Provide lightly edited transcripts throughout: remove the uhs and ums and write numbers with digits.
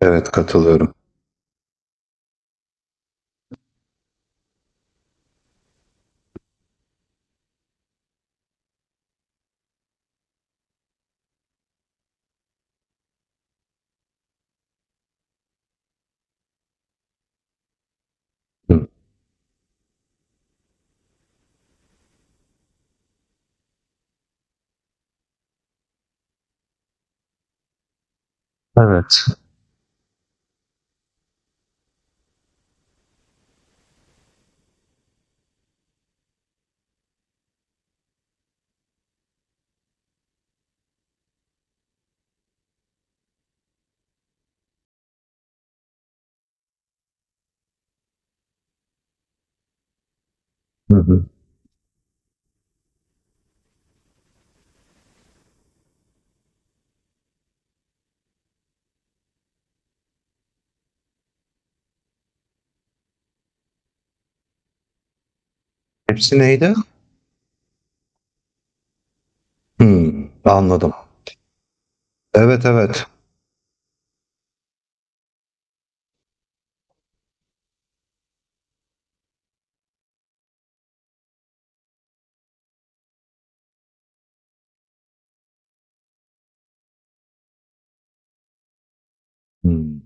Evet, katılıyorum. Hı. Evet. Hı hı. Hepsi neydi? Hı, anladım. Evet, evet. Hı,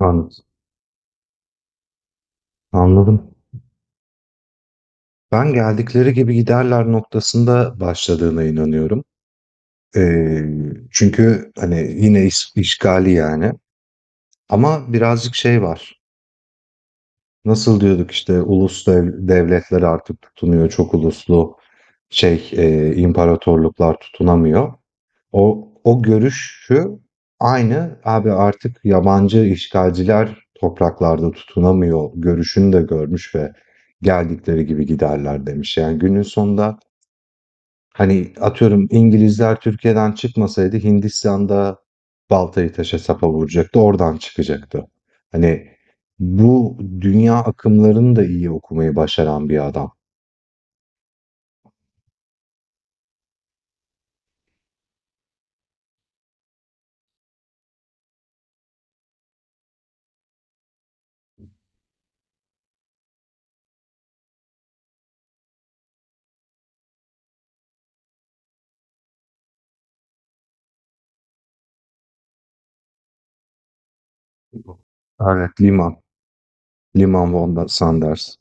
an- anladım. Ben "geldikleri gibi giderler" noktasında başladığına inanıyorum. Ee, Çünkü hani yine işgali yani. Ama birazcık şey var. Nasıl diyorduk, işte ulus devletler artık tutunuyor. Çok uluslu şey, imparatorluklar tutunamıyor. O görüş şu, aynı abi, artık yabancı işgalciler topraklarda tutunamıyor görüşünü de görmüş ve geldikleri gibi giderler demiş. Yani günün sonunda, hani, atıyorum, İngilizler Türkiye'den çıkmasaydı Hindistan'da baltayı taşa sapa vuracaktı, oradan çıkacaktı. Hani bu dünya akımlarını da iyi okumayı başaran bir adam. Evet. Liman, Liman von Sanders.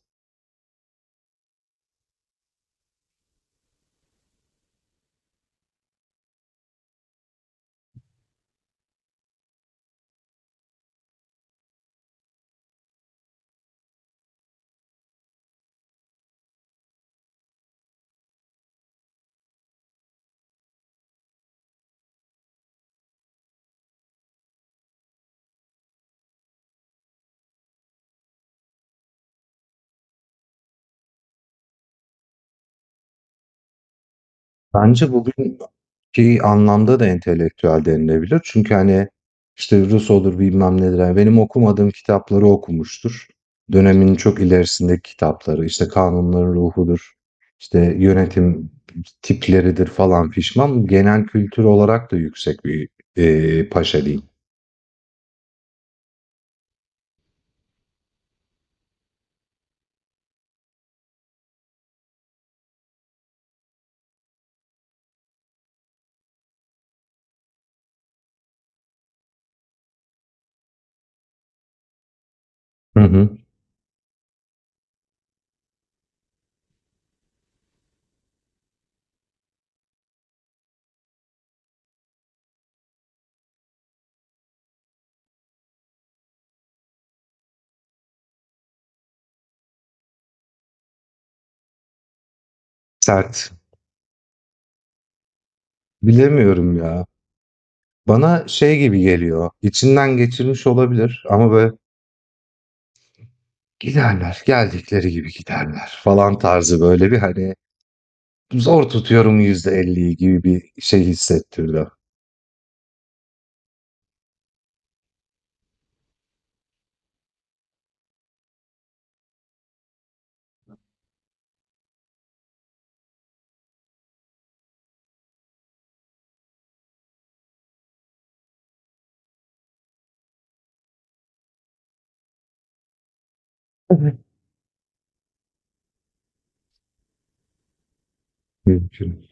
Bence bugün Ki anlamda da entelektüel denilebilir. Çünkü, hani, işte, Rus olur, bilmem nedir, hani, benim okumadığım kitapları okumuştur. Dönemin çok ilerisindeki kitapları, işte, Kanunların Ruhu'dur, işte, yönetim tipleridir falan fişman. Genel kültür olarak da yüksek bir, paşa diyeyim. Hı hı. Sert. Bilemiyorum ya. Bana şey gibi geliyor, içinden geçirmiş olabilir ama böyle "giderler, geldikleri gibi giderler" falan tarzı, böyle bir, hani, zor tutuyorum %50'yi gibi bir şey hissettirdi. Evet. Mümkün.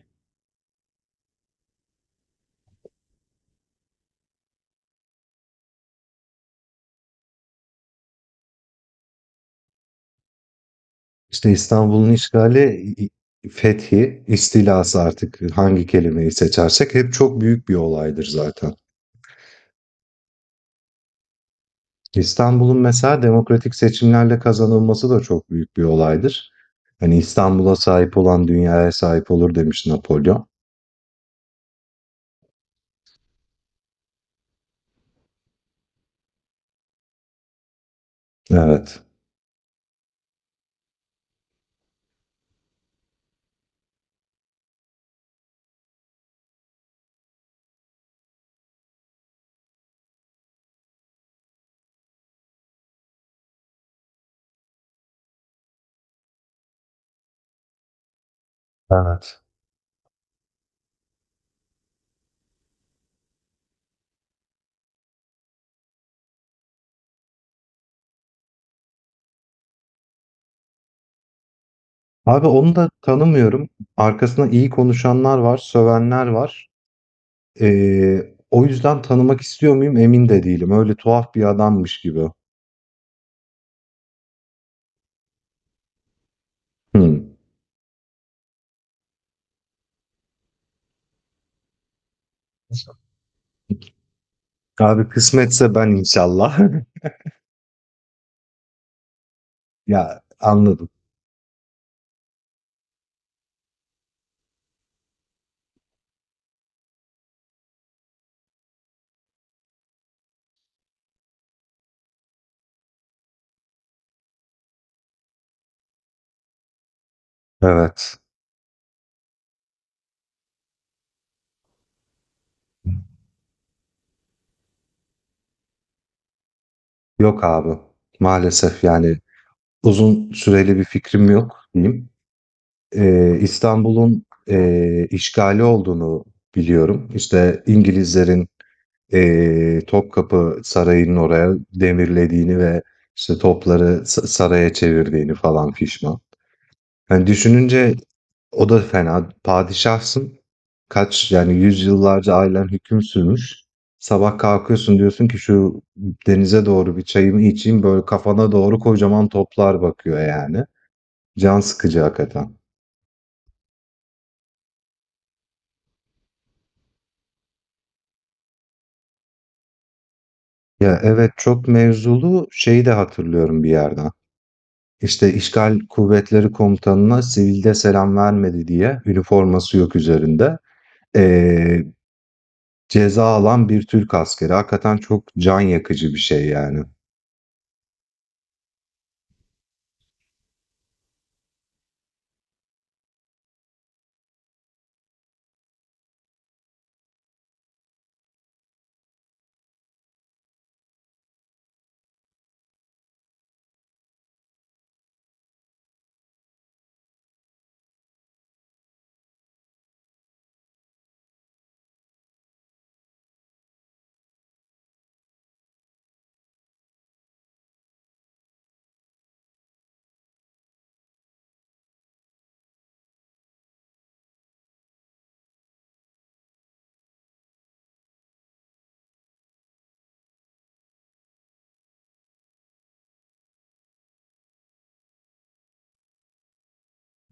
İşte İstanbul'un işgali, fethi, istilası, artık hangi kelimeyi seçersek hep çok büyük bir olaydır zaten. İstanbul'un mesela demokratik seçimlerle kazanılması da çok büyük bir olaydır. Hani, İstanbul'a sahip olan dünyaya sahip olur demiş Napolyon. Evet. Evet. Abi, onu da tanımıyorum. Arkasına iyi konuşanlar var, sövenler var. O yüzden tanımak istiyor muyum, emin de değilim. Öyle tuhaf bir adammış gibi. Hımm. Abi, kısmetse ben, inşallah. Ya, anladım. Evet. Yok abi, maalesef yani uzun süreli bir fikrim yok diyeyim. İstanbul'un, işgali olduğunu biliyorum. İşte İngilizlerin, Topkapı Sarayı'nın oraya demirlediğini ve işte topları saraya çevirdiğini falan fişman. Hani düşününce, o da fena. Padişahsın. Kaç yani, yüzyıllarca ailen hüküm sürmüş. Sabah kalkıyorsun, diyorsun ki şu denize doğru bir çayımı içeyim. Böyle kafana doğru kocaman toplar bakıyor yani. Can sıkıcı hakikaten. Ya evet, çok mevzulu şeyi de hatırlıyorum bir yerden. İşte işgal kuvvetleri komutanına sivilde selam vermedi diye, üniforması yok üzerinde. Ee, Ceza alan bir Türk askeri. Hakikaten çok can yakıcı bir şey yani.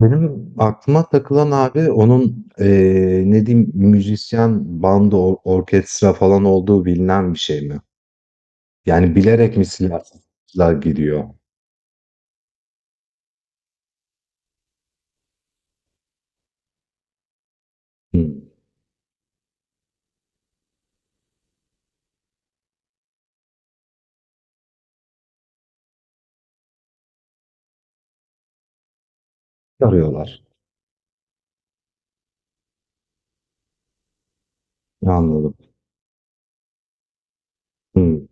Benim aklıma takılan abi, onun, ne diyeyim, müzisyen, bandı, orkestra falan olduğu bilinen bir şey mi? Yani bilerek mi silahlar gidiyor? Hımm. Arıyorlar. Anladım. Hımm.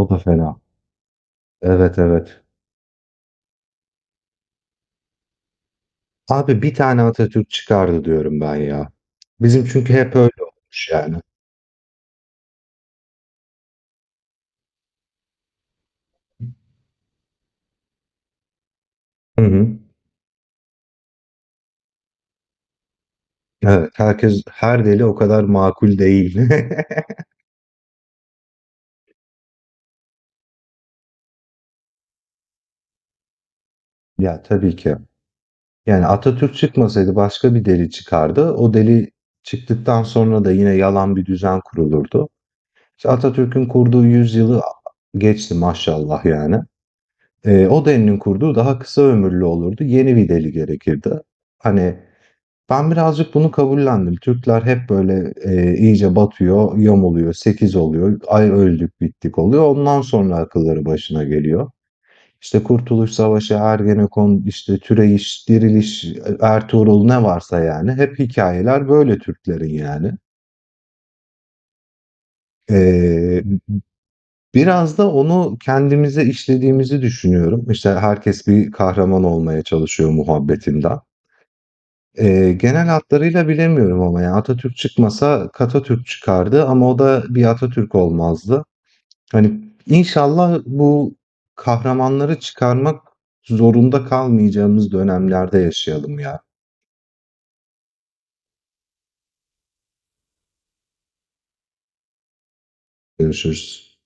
O da fena. Evet, evet. Abi, bir tane Atatürk çıkardı diyorum ben ya. Bizim çünkü hep öyle olmuş yani. Hı hı. Evet, herkes, her deli o kadar makul değil. Ya, tabii ki. Yani Atatürk çıkmasaydı başka bir deli çıkardı. O deli çıktıktan sonra da yine yalan bir düzen kurulurdu. İşte Atatürk'ün kurduğu yüzyılı geçti maşallah yani. O delinin kurduğu daha kısa ömürlü olurdu. Yeni bir deli gerekirdi. Hani ben birazcık bunu kabullendim. Türkler hep böyle, iyice batıyor, yamuluyor, 8 oluyor, ay öldük bittik oluyor. Ondan sonra akılları başına geliyor. İşte Kurtuluş Savaşı, Ergenekon, işte Türeyiş, Diriliş, Ertuğrul, ne varsa yani, hep hikayeler böyle Türklerin yani. Ee, Biraz da onu kendimize işlediğimizi düşünüyorum. İşte herkes bir kahraman olmaya çalışıyor muhabbetinden. Genel hatlarıyla bilemiyorum ama yani Atatürk çıkmasa Katatürk çıkardı ama o da bir Atatürk olmazdı. Hani, inşallah bu kahramanları çıkarmak zorunda kalmayacağımız dönemlerde yaşayalım ya. Görüşürüz.